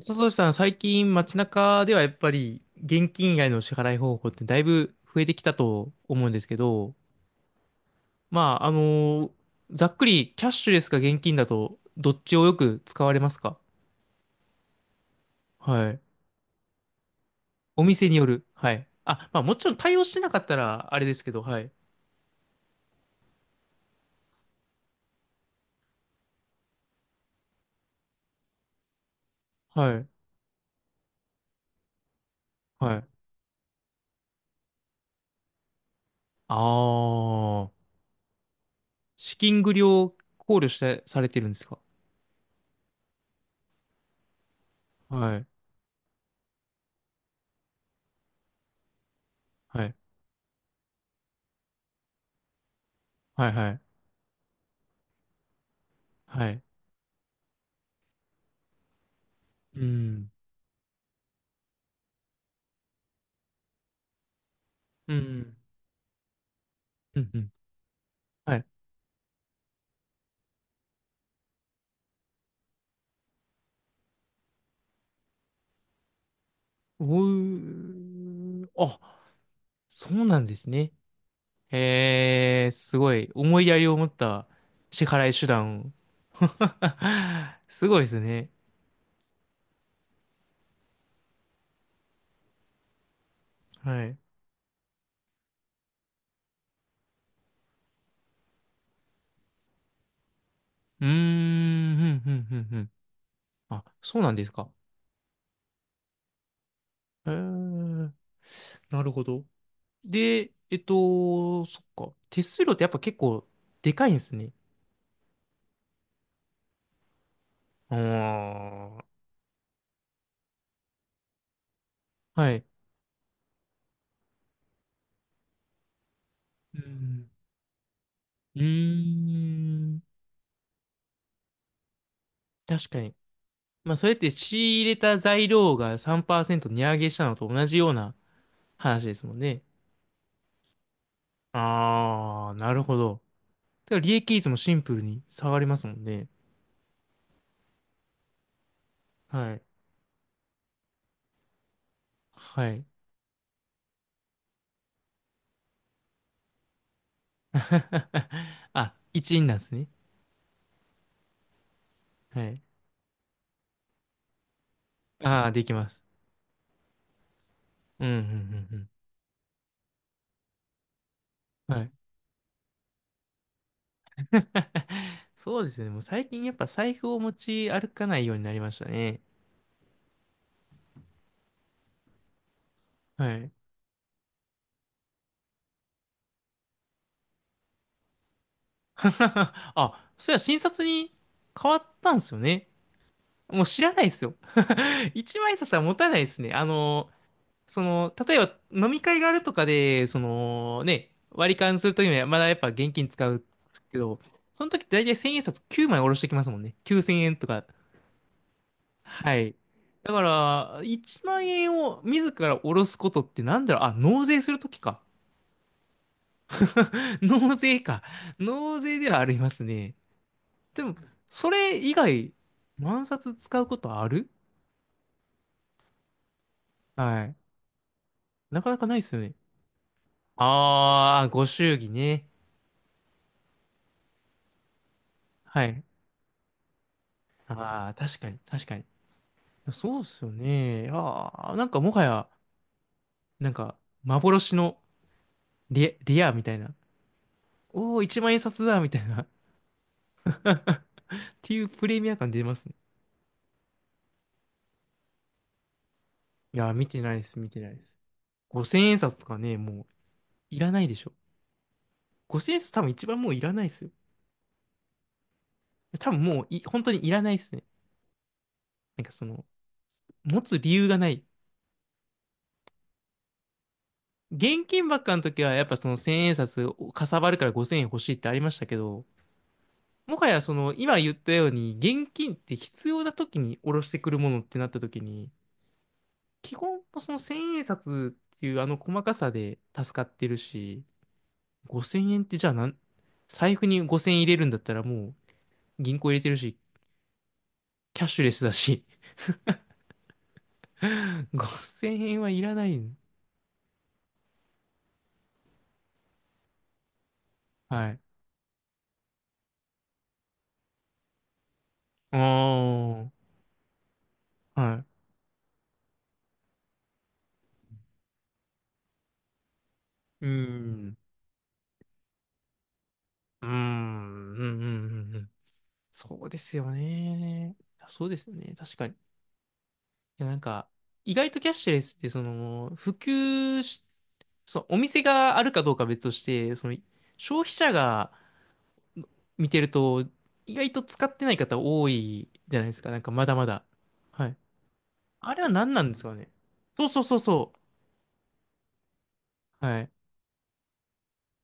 佐藤さん、最近街中ではやっぱり現金以外の支払い方法ってだいぶ増えてきたと思うんですけど、まあ、ざっくりキャッシュレスか現金だとどっちをよく使われますか？はい。お店による。はい。あ、まあもちろん対応してなかったらあれですけど、はい。はい。はい。ああ、資金繰りを考慮して、されてるんですか？はい。はい。はい。はい。はい。うん。うん。うん。うん。はい。おう、あ、そうなんですね。すごい、思いやりを持った支払い手段を。すごいですね。はい。うーん、ふんふんふんふん。あ、そうなんですか。えーなるほど。で、そっか。手数料ってやっぱ結構でかいんですね。ああ、はい。うん。うーん、確かに。まあ、それって仕入れた材料が3%値上げしたのと同じような話ですもんね。あー、なるほど。だから利益率もシンプルに下がりますもんね。はい。はい。あ、一員なんですね。はい。あー、できます。うん、うん、うんうん。はい。そうですね。もう最近やっぱ財布を持ち歩かないようになりましたね。はい。あ、そりゃ診察に変わったんですよね。もう知らないですよ。一枚札は持たないですね。例えば飲み会があるとかで、割り勘するときにはまだやっぱ現金使うけど、その時って大体1000円札9枚下ろしてきますもんね。9000円とか。はい。だから、1万円を自ら下ろすことってなんだろう、あ、納税するときか。納税か。納税ではありますね。でも、それ以外、万札使うことある？はい。なかなかないですよね。ああ、ご祝儀ね。はい。ああ、確かに、確かに。そうっすよね。ああ、なんかもはや、なんか、幻のレアみたいな。おお、一万円札だみたいな。っていうプレミア感出ますね。いやー、見てないです、見てないです。5000円札とかね、もういらないでしょ。5000円札多分一番もういらないですよ。多分もうい、本当にいらないですね。なんか持つ理由がない。現金ばっかの時は、やっぱその1000円札をかさばるから5000円欲しいってありましたけど、もはやその今言ったように現金って必要な時に下ろしてくるものってなった時に基本その千円札っていうあの細かさで助かってるし、5000円ってじゃあ財布に5000円入れるんだったらもう銀行入れてるしキャッシュレスだし 5000円はいらない。はい。ああ、はい。うん。うん。うんうんうんうん。そうですよね。いやそうですよね。確かに。いやなんか、意外とキャッシュレスって普及し、そう、お店があるかどうかは別として、消費者が見てると、意外と使ってない方多いじゃないですか。なんかまだまだ。はい。あれは何なんですかね。そうそうそうそう。はい。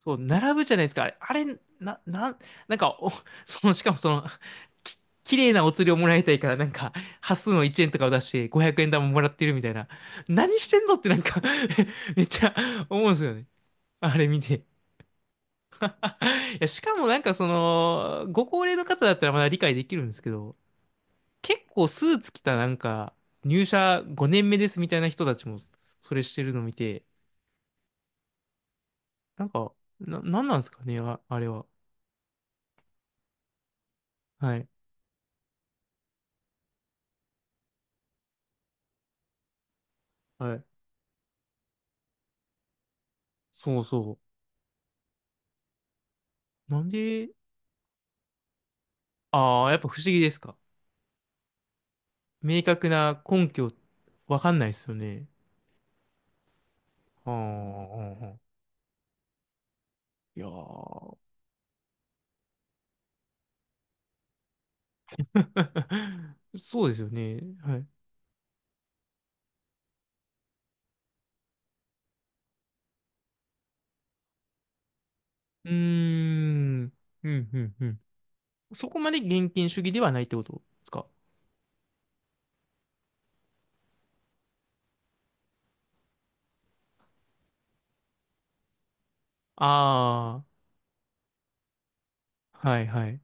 そう、並ぶじゃないですか。あれ、あれな、なん、なんか、しかもき、綺麗なお釣りをもらいたいから、なんか、端数の1円とかを出して、500円玉もらってるみたいな。何してんのってなんか めっちゃ思うんですよね。あれ見て。いや、しかもなんかご高齢の方だったらまだ理解できるんですけど、結構スーツ着たなんか、入社5年目ですみたいな人たちも、それしてるの見て、なんか、なんなんですかね、あ、あれは。はい。はい。そうそう。なんで、ああ、やっぱ不思議ですか。明確な根拠、わかんないですよね。ああ、うんうん、いやー そうですよね。はい。うーん。うん、うん、うん。そこまで現金主義ではないってことですか。ああ、はい、はい。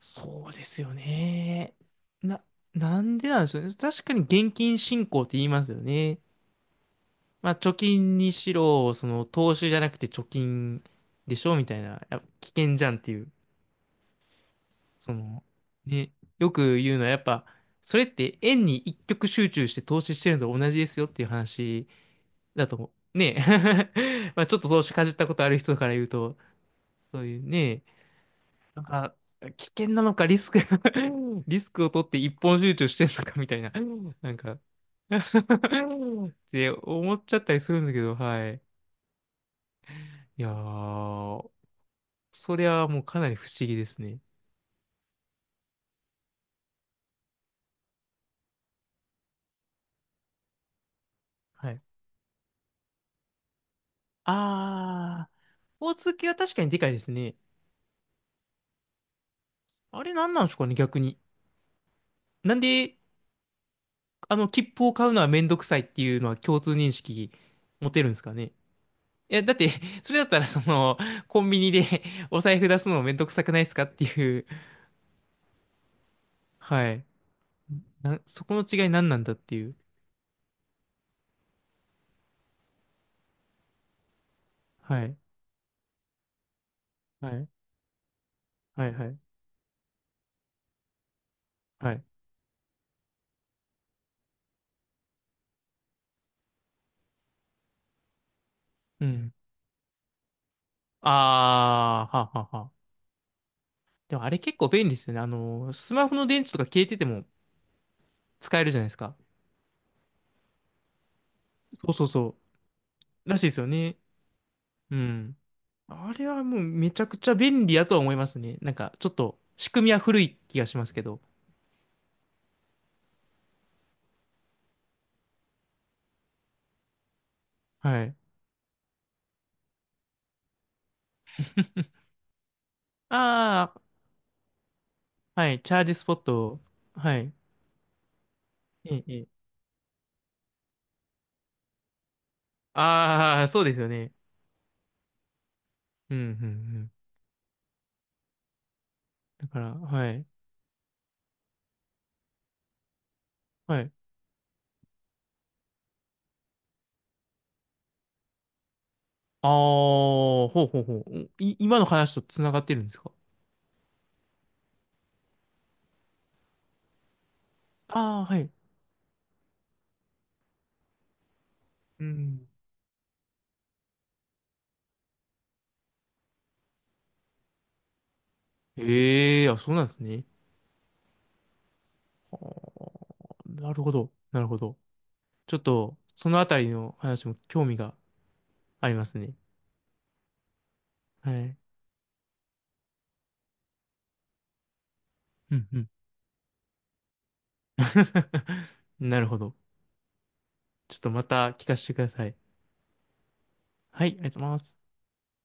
そうですよね。な、なんでなんでしょうね。確かに現金信仰って言いますよね。まあ、貯金にしろ、投資じゃなくて貯金でしょみたいな、やっぱ危険じゃんっていう、その、ね、よく言うのはやっぱ、それって円に一極集中して投資してるのと同じですよっていう話だと、ね、まあちょっと投資かじったことある人から言うと、そういうね、なんか危険なのかリスク リスクを取って一本集中してるのかみたいな、なんか って思っちゃったりするんだけど、はい。いやー、それはもうかなり不思議ですね。はい。あー、スポーツ系は確かにでかいですね。あれ何なんでしょうかね、逆に。なんで、切符を買うのはめんどくさいっていうのは共通認識持てるんですかね。いや、だって、それだったら、コンビニで お財布出すのもめんどくさくないですかっていう。はい。そこの違い何なんだっていう。はい。はい。はい、はい。はい。うん。あー、はあはあはあ。でもあれ結構便利ですよね。スマホの電池とか消えてても、使えるじゃないですか。そうそうそう。らしいですよね。うん。あれはもうめちゃくちゃ便利やとは思いますね。なんかちょっと仕組みは古い気がしますけど。はい。ああ、はい。チャージスポット。はい。ええ、ええ。ああ、そうですよね。うん、うん、うん。だから、はい。はい。ああ、ほうほうほう。今の話とつながってるんですか？ああー、はい。うん。ええ、あ、そうなんですね。なるほど。なるほど。ちょっと、そのあたりの話も興味がありますね。はい。うんうん。なるほど。ちょっとまた聞かせてください。はい、ありがとうございます。